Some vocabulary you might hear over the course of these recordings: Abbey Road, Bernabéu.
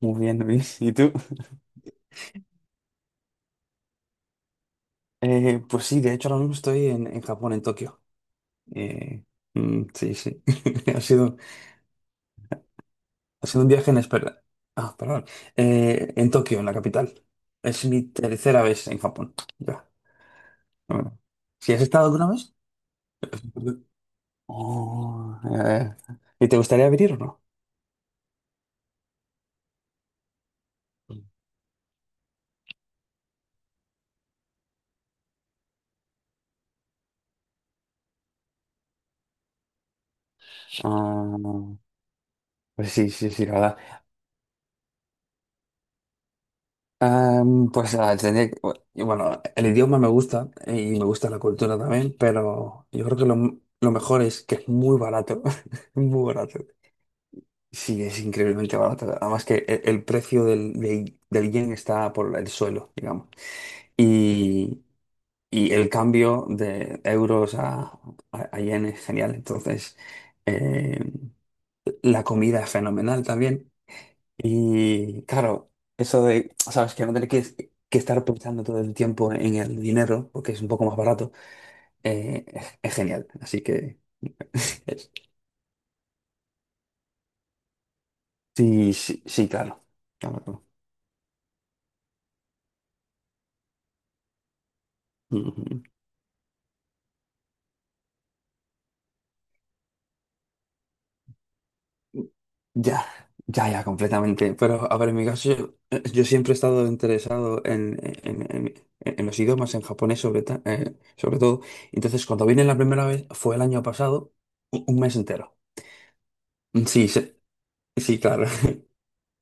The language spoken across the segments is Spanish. Muy bien, Luis. ¿Y tú? Pues sí, de hecho ahora mismo estoy en Japón, en Tokio. Eh, sí, sí. Ha sido, ha sido un viaje inesperado. Ah, perdón. En Tokio, en la capital. Es mi tercera vez en Japón. Ya. Bueno. ¿Si has estado alguna vez? Oh, eh, ¿y te gustaría venir o no? Ah, pues sí, sí, sí, la verdad. Am, pues ah, tendría que- Y bueno, el idioma me gusta, y me gusta la cultura también, pero yo creo que lo mejor es que es muy barato, muy barato. Sí, es increíblemente barato. Además que precio del yen está por el suelo, digamos. Y, y el cambio de euros a yen es genial. Entonces, eh, la comida es fenomenal también. Y claro, eso de, sabes, que no tener que estar pensando todo el tiempo en el dinero, porque es un poco más barato, es genial. Así que es- sí, sí, sí, claro. Claro, claro. Ujú. Ya, ya, ya, completamente. Pero, a ver, en mi caso, yo siempre he estado interesado en los idiomas, en japonés sobre todo. Entonces, cuando vine la primera vez, fue el año pasado, un mes entero. Sí, sí, sí, claro,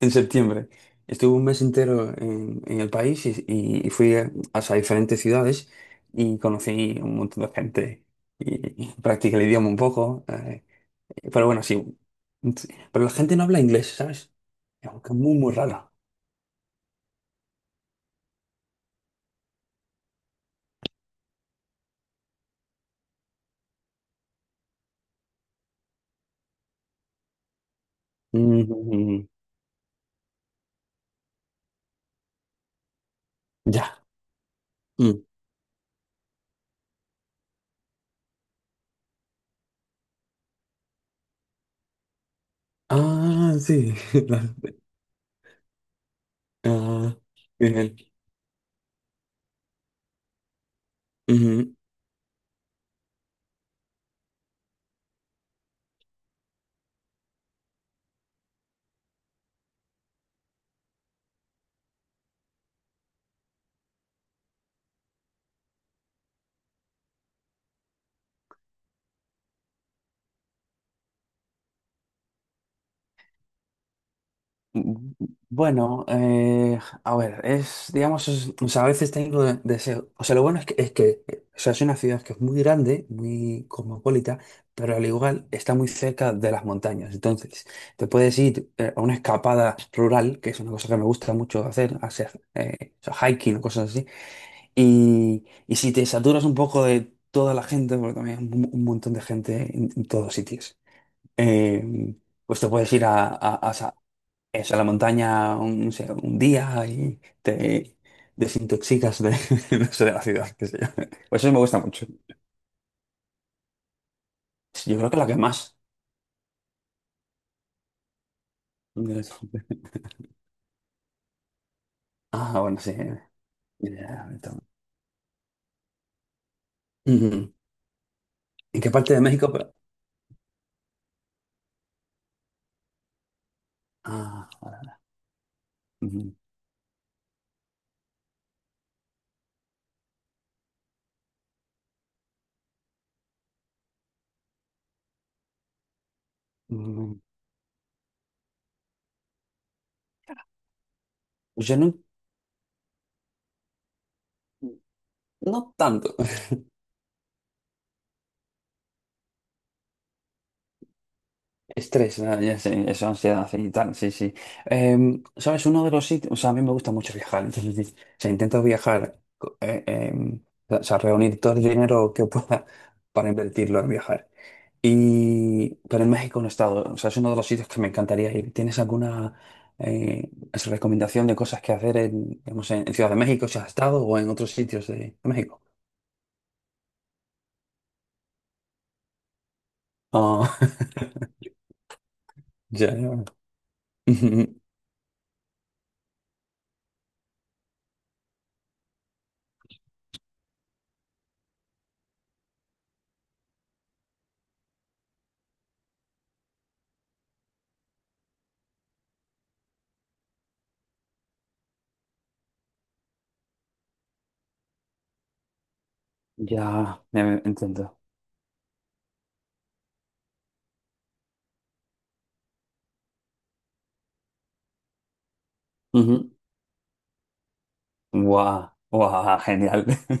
en septiembre. Estuve un mes entero en el país, y fui a diferentes ciudades, y conocí un montón de gente, y practiqué el idioma un poco. Pero bueno, sí. Pero la gente no habla inglés, ¿sabes? Es algo que es muy, muy raro. Mm, ya. Mm. Ah, sí. Ah, bien. Mm, bueno, a ver, es, digamos, o sea, a veces tengo deseo. O sea, lo bueno es que, o sea, es una ciudad que es muy grande, muy cosmopolita, pero al igual está muy cerca de las montañas. Entonces, te puedes ir, a una escapada rural, que es una cosa que me gusta mucho hacer, o sea, hiking o cosas así. Y si te saturas un poco de toda la gente, porque también hay un montón de gente en todos sitios, eh, pues te puedes ir a, eso, a la montaña un, no sé, un día, y te desintoxicas no sé, de la ciudad, qué sé yo. Pues eso me gusta mucho. Yo creo que la que más. Ah, bueno, sí. Ya, entonces. Ujú. ¿En qué parte de México? Pero... Ah, vale. Ujú. Mm, pues yo no, no tanto. Estrés, ah, ya sé, eso, ansiedad y tal, sí, sí. ¿Sabes? Uno de los sitios, o sea, a mí me gusta mucho viajar, entonces, o sea, intento viajar, o sea, reunir todo el dinero que pueda para invertirlo en viajar. Y, pero en México no he estado, o sea, es uno de los sitios que me encantaría ir. ¿Tienes alguna, eh, recomendación de cosas que hacer en, digamos, en Ciudad de México, si has estado, o en otros sitios de México? Ah, ya, ya. Ujú, ya, ya, entiendo. Guau, guau, genial.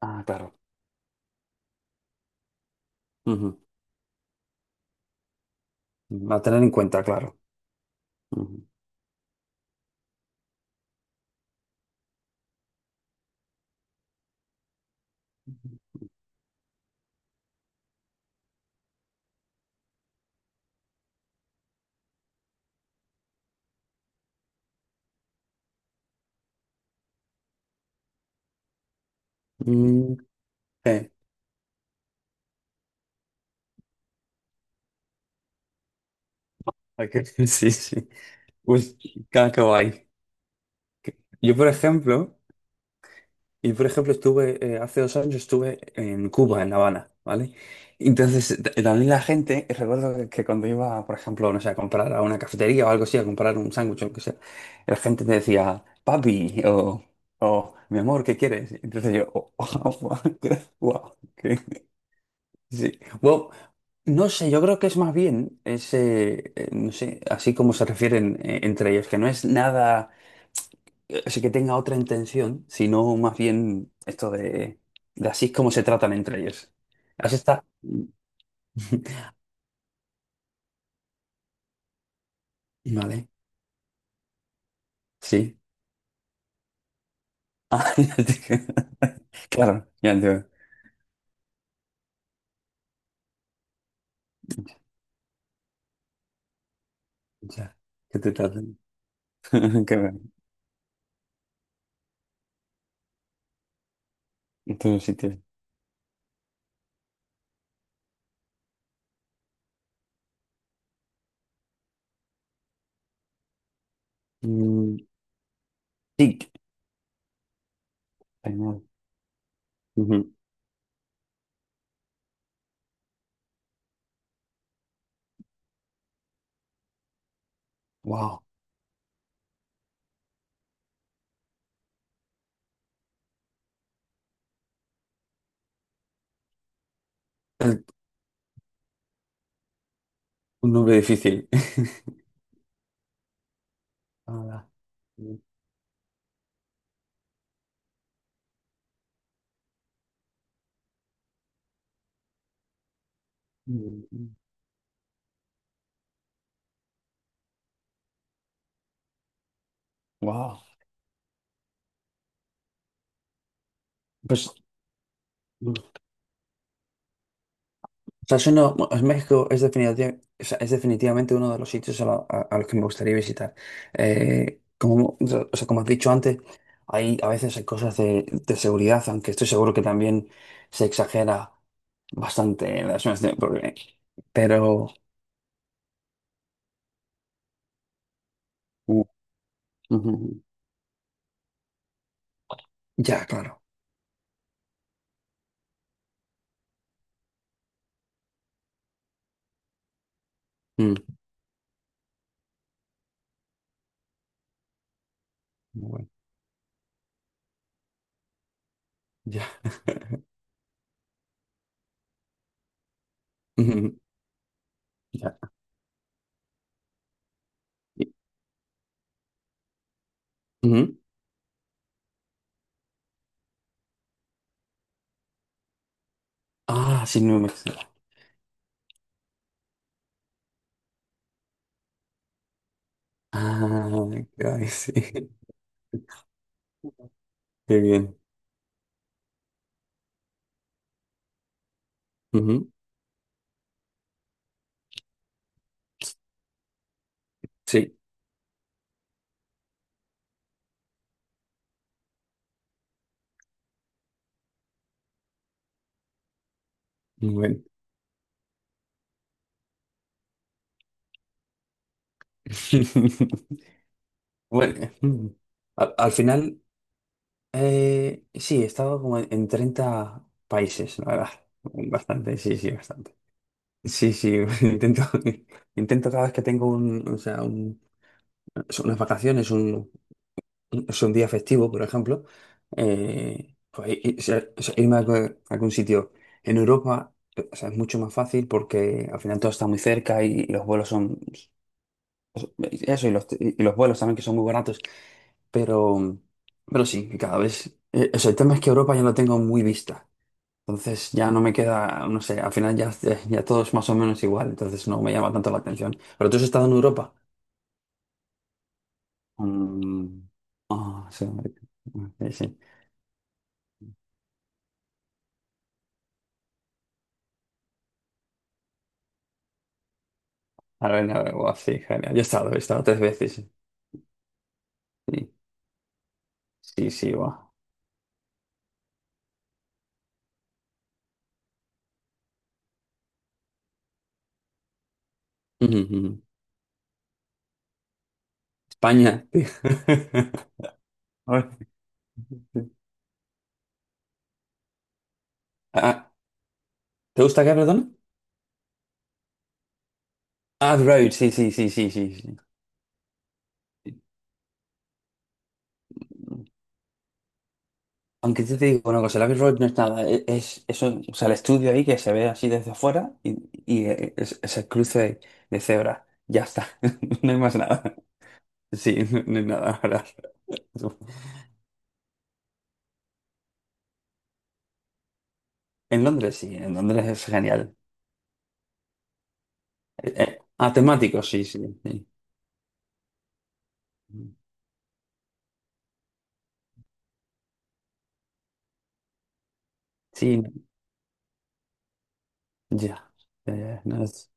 Ah, claro. Ujú. Va a tener en cuenta, claro. Ujú. Mm, eh, ok, sí, sí. Uy, qué guay. Yo, por ejemplo, estuve, hace 2 años estuve en Cuba, en La Habana, ¿vale? Entonces, t- también la gente, recuerdo que cuando iba, por ejemplo, no sé, a comprar a una cafetería o algo así, a comprar un sándwich o lo que sea, la gente te decía, papi, o mi amor, ¿qué quieres? Entonces yo, oh, wow, qué... Sí. Bueno, no sé, yo creo que es más bien ese, no sé, así como se refieren, entre ellos, que no es nada, así que tenga otra intención, sino más bien esto de así es como se tratan entre ellos. Así está. Vale, sí. Ah, claro, ya entiendo. Ya, que te tratan. Qué bueno, en todos los sitios. Mm, tic. Peinado. Ujú. Wow, un nombre difícil. Ahora. Wow. Pues, o sea, es uno, bueno, es, México es, o sea, es definitivamente uno de los sitios a los que me gustaría visitar. Como, o sea, como has dicho antes, a veces hay cosas de seguridad, aunque estoy seguro que también se exagera bastante en las zonas de... porque... Pero, Uh, ujú, ya, claro. Mm, Muy bueno. Ya, ujú, ya. Y... ujú. Ah, sí, no me... Ah, ay, sí. Qué bien. Ujú. Sí. Bueno, bueno, mm, al final, sí, he estado como en 30 países, la verdad. Bastante. Sí, sí, intento cada vez que tengo un, o sea, un... son unas vacaciones, un, es un día festivo, por ejemplo, irme a algún, a algún sitio. En Europa, o sea, es mucho más fácil porque al final todo está muy cerca y los vuelos son, eso, y los vuelos también que son muy baratos. Pero, pero sí, cada vez, o sea, el tema es que Europa ya lo tengo muy vista. Entonces ya no me queda, no sé, al final ya, ya todo es más o menos igual, entonces no me llama tanto la atención. Pero tú has estado en Europa. Mm, ah, sí, sí, sí. A ver, guau, sí, genial. Yo he estado tres veces. Sí, sí, sí, sí, guau. Ujú, ujú. España, tío. Ay, sí. Ah, ¿te gusta acá, perdón? Ah, The Road, sí, sí, sí, sí, sí, sí. Aunque yo te digo una cosa, el Abbey Road no es nada, es eso, o sea, el estudio ahí que se ve así desde afuera y es el cruce de cebra, ya está, no hay más nada. Sí, no, no hay nada ahora. En Londres sí, en Londres es genial. Ah, temático, sí, sí, sí. Sí, ya. No es-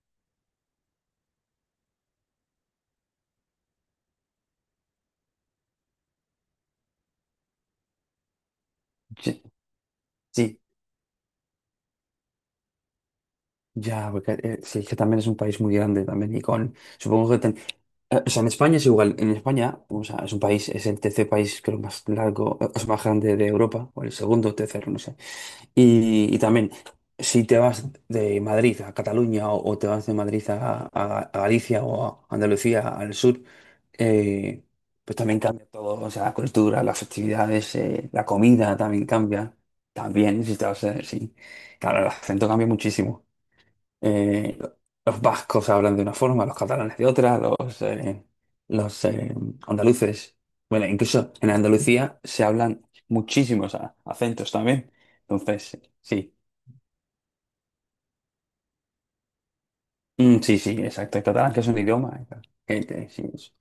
Sí, sí. Ya, porque sí, es que también es un país muy grande también y con, supongo que, o sea, en España es igual, en España, o sea, es un país, es el tercer país creo más largo, es más grande de Europa, o el segundo o tercero, no sé. Y también, si te vas de Madrid a Cataluña, o te vas de Madrid a, a Galicia o a Andalucía al sur, eh, pues también cambia todo, o sea, la cultura, las festividades, la comida también cambia, también, si te vas a, sí, claro, el acento cambia muchísimo, eh, los vascos hablan de una forma, los catalanes de otra, los andaluces. Bueno, incluso en Andalucía se hablan muchísimos acentos también. Entonces, sí. Mm, sí, sí, exacto. El catalán, que es un idioma, que sí, es...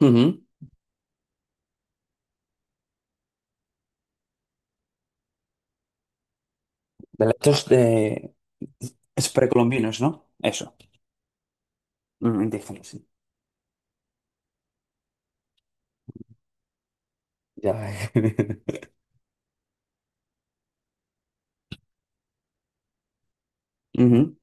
Ujú. Estos de, es precolombinos, ¿no? Eso. Mm, indígenas, sí. Ya. Ujú,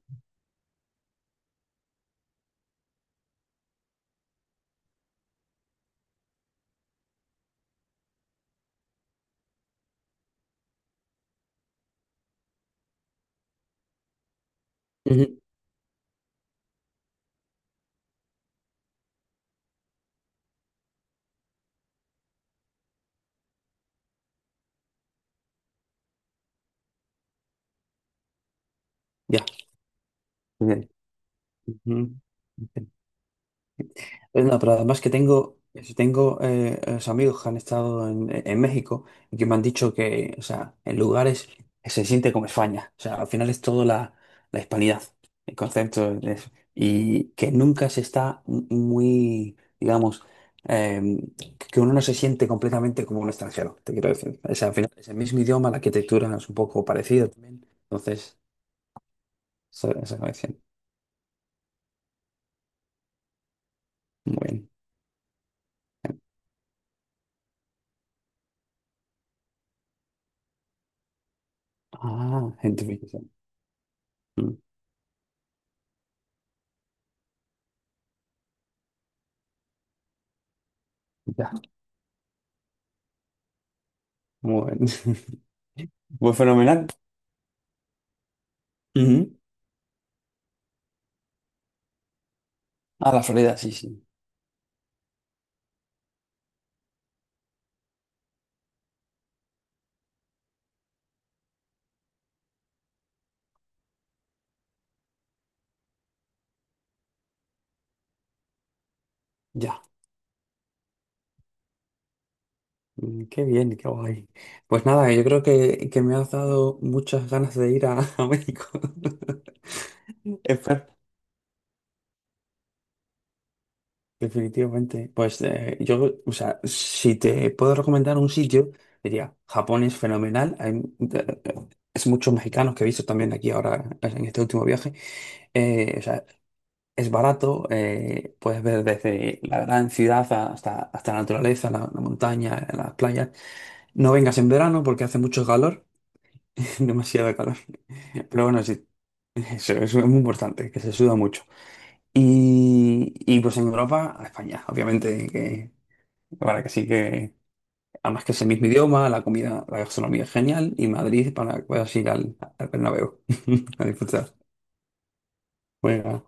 ujú. Ya. Bien. Ujú. No, pero además que tengo, si tengo amigos que han estado en México, y que me han dicho que, o sea, en lugares que se siente como España. O sea, al final es todo la hispanidad, el concepto, es... y que nunca se está muy, digamos, eh, que uno no se siente completamente como un extranjero, te quiero decir. O sea, al final es el mismo idioma, la arquitectura es un poco parecida también. Entonces, eso me parece muy bien. Ah, gente. Mm, ya, muy bien. Pues fenomenal. Ujú. A la Florida, sí, sí. Ya. Qué bien, qué guay. Pues nada, yo creo que me has dado muchas ganas de ir a México. Espera. Definitivamente. Pues yo, o sea, si te puedo recomendar un sitio, diría, Japón es fenomenal. Hay, eh, es muchos mexicanos que he visto también aquí ahora en este último viaje. O sea, es barato, puedes ver desde la gran ciudad hasta la naturaleza, la montaña, las playas. No vengas en verano porque hace mucho calor, demasiado calor. Pero bueno, sí, eso es muy importante, que se suda mucho. Y pues en Europa, a España, obviamente, que para que sí que, además que es el mismo idioma, la comida, la gastronomía es genial, y Madrid para que puedas ir al Bernabéu a disfrutar. Venga.